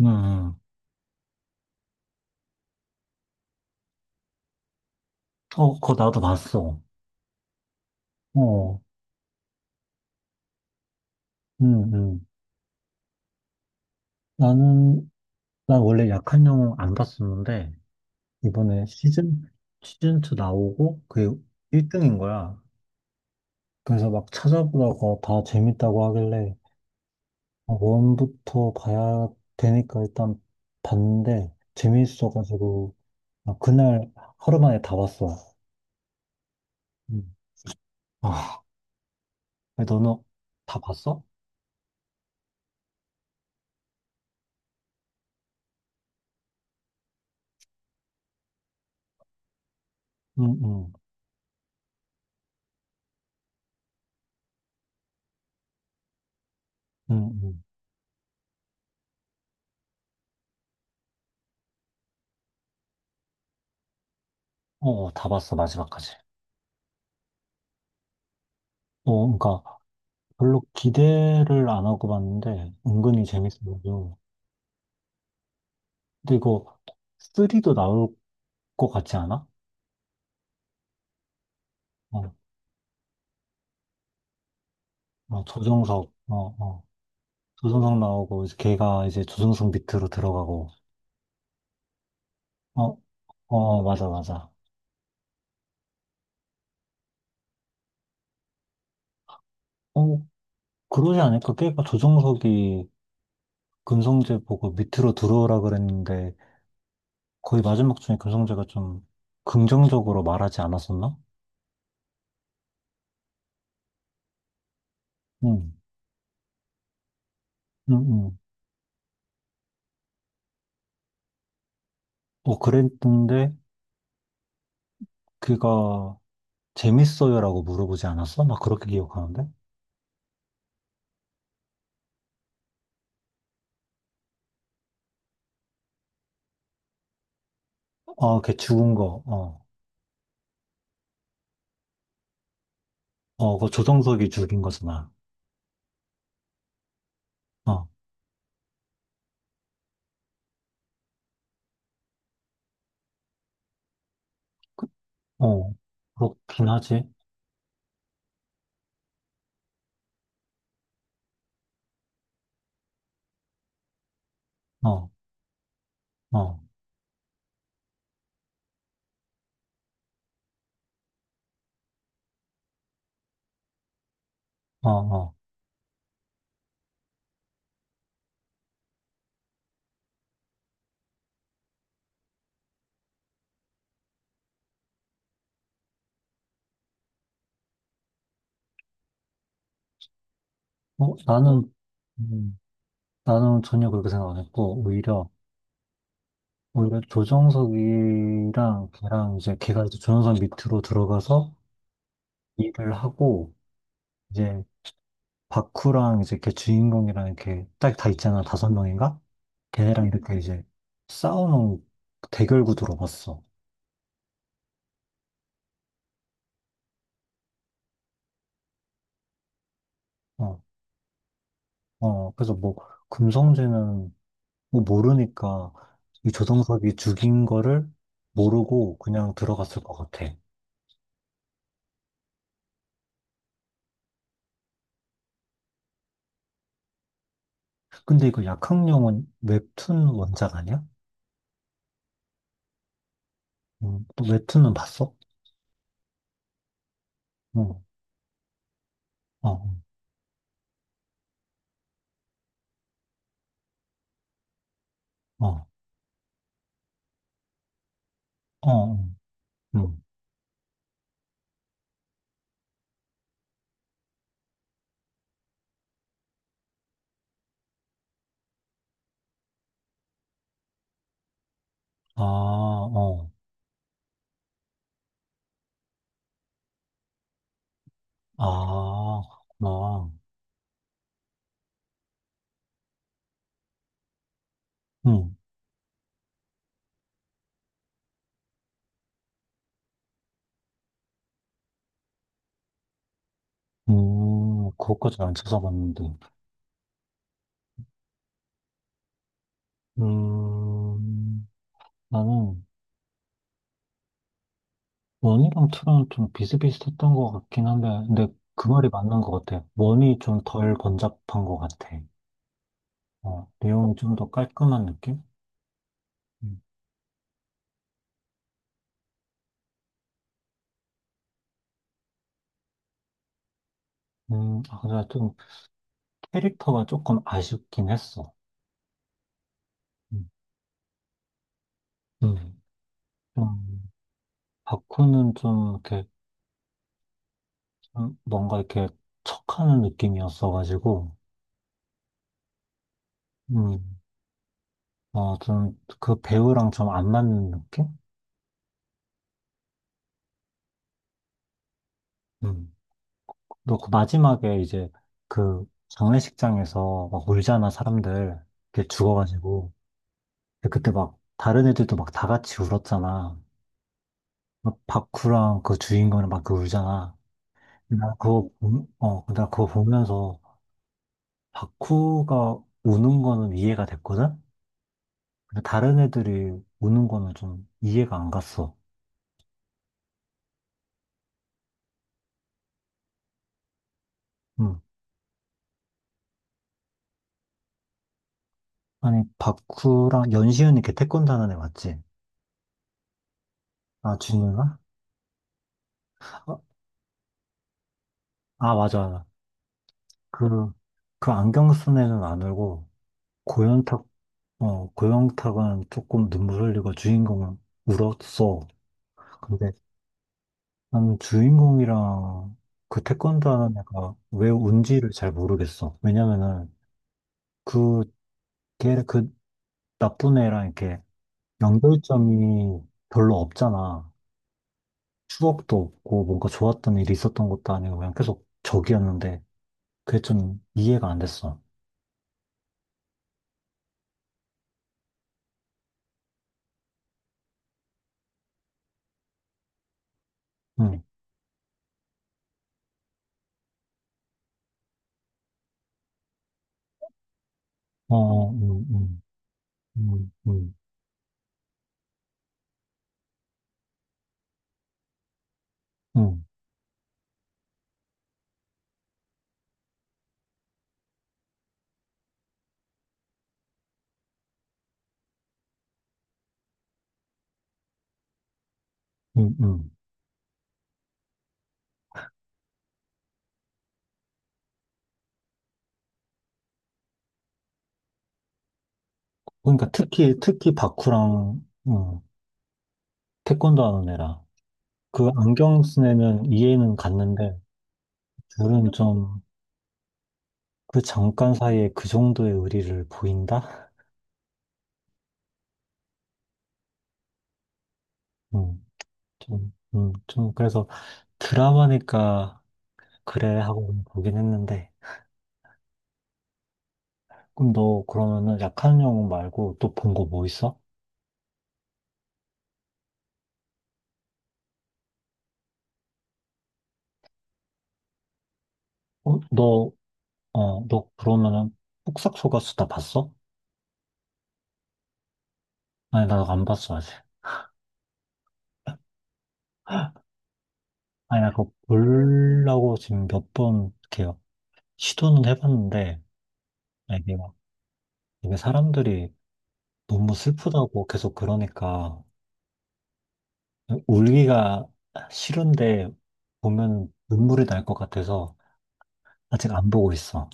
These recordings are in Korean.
음, 어, 그거 나도 봤어. 어, 음, 음. 나는, 난 원래 약한 영웅 안 봤었는데, 이번에 시즌2 나오고, 그게 1등인 거야. 그래서 막 찾아보다가 다 재밌다고 하길래, 아, 원부터 봐야 되니까 일단 봤는데, 재밌어가지고, 나 그날 하루 만에 다 봤어. 음. 아, 너는 다 봤어? 응, 응, 응, 응. 어, 다 봤어, 마지막까지. 어, 그러니까, 별로 기대를 안 하고 봤는데 은근히 재밌어요. 근데 이거 3도 나올 것 같지 않아? 어, 어, 조정석, 어, 어. 조정석 나오고 이제 걔가 이제 조정석 밑으로 들어가고, 어, 어, 맞아, 맞아. 어, 그러지 않을까? 걔가 조정석이 금성재 보고 밑으로 들어오라 그랬는데 거의 마지막 중에 금성재가 좀 긍정적으로 말하지 않았었나? 응, 응, 응. 어, 그랬는데 그가 재밌어요라고 물어보지 않았어? 막 그렇게 기억하는데? 어? 어, 걔 죽은 거, 어, 어, 그 조정석이 죽인 거잖아. 어, 어, 그렇긴 하지. 어, 어, 어, 어. 어, 어, 음, 나는 전혀 그렇게 생각 안 했고, 오히려 조정석이랑 걔랑 이제 걔가 이제 조정석 밑으로 들어가서 일을 하고, 이제 바쿠랑 이제 걔 주인공이랑 이렇게 딱 다 있잖아. 다섯 명인가? 걔네랑 이렇게 이제 싸우는 대결 구도로 봤어. 어, 어, 그래서 뭐, 금성재는 뭐 모르니까 이 조성석이 죽인 거를 모르고 그냥 들어갔을 것 같아. 근데 이거 약학령은 웹툰 원작 아니야? 또 웹툰은 봤어? 응, 어, 어, 어, 어, 응, 아, 어, 아, 그렇구나. 응, 그것까지는 안 찾아봤는데. 음, 나는 원이랑 투랑 좀 비슷비슷했던 것 같긴 한데, 근데 그 말이 맞는 것 같아. 원이 좀 덜 번잡한 것 같아. 어, 내용이 좀 더 깔끔한 느낌? 음, 아, 근데 좀 캐릭터가 조금 아쉽긴 했어. 음, 음. 좀, 바쿠는 좀 이렇게, 좀 뭔가 이렇게 척하는 느낌이었어가지고, 음, 어, 좀 그 배우랑 좀 안 맞는 느낌? 음. 너 그 마지막에 이제 그 장례식장에서 막 울잖아, 사람들. 이렇게 죽어가지고. 근데 그때 막 다른 애들도 막 다 같이 울었잖아. 막 바쿠랑 그 주인공이랑 막 그 울잖아. 나 그거 보면서 바쿠가 우는 거는 이해가 됐거든? 근데 다른 애들이 우는 거는 좀 이해가 안 갔어. 응. 아니, 바쿠랑 연시은이 걔 태권도 하는 애 맞지? 아, 주인공아? 아, 아, 맞아. 그, 그 안경 쓴 애는 안 울고, 고현탁, 어, 고영탁은 조금 눈물 흘리고 주인공은 울었어. 근데 나는 주인공이랑 그 태권도 하는 애가 왜 운지를 잘 모르겠어. 왜냐면은 그, 그 나쁜 애랑 이렇게 연결점이 별로 없잖아. 추억도 없고 뭔가 좋았던 일이 있었던 것도 아니고 그냥 계속 적이었는데 그게 좀 이해가 안 됐어. 응. 어, 어, 음, 음. 응, 응, 응. 그러니까 특히 바쿠랑, 음, 태권도 하는 애라. 그 안경 쓴 애는 이해는 갔는데, 둘은 좀, 그 잠깐 사이에 그 정도의 의리를 보인다? 응, 좀, 좀, 그래서 드라마니까, 그래, 하고 보긴 했는데. 그럼 너 그러면은 약한 영웅 말고 또 본 거 뭐 있어? 어, 너, 너 그러면은 폭삭 속가수다 봤어? 아니, 나 안 봤어, 아직. 아니, 나 그거 보려고 지금 몇 번 이렇게 시도는 해봤는데, 아, 이게 막, 이게 사람들이 너무 슬프다고 계속 그러니까, 울기가 싫은데, 보면 눈물이 날 것 같아서, 아직 안 보고 있어.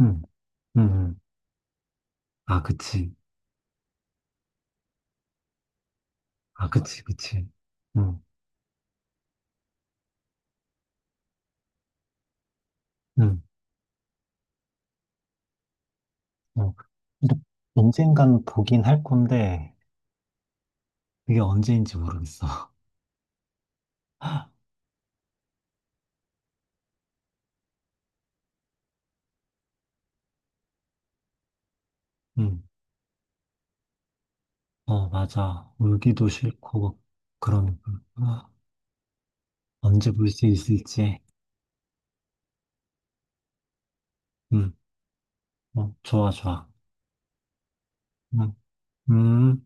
응, 응, 응. 아, 그치. 아, 그치, 그치. 응, 응. 어, 근데 언젠간 보긴 할 건데, 그게 언제인지 모르겠어. 응, 어, 맞아. 울기도 싫고, 그러니까. 언제 볼 수 있을지. 음, 어, 좋아, 좋아. 음, 음.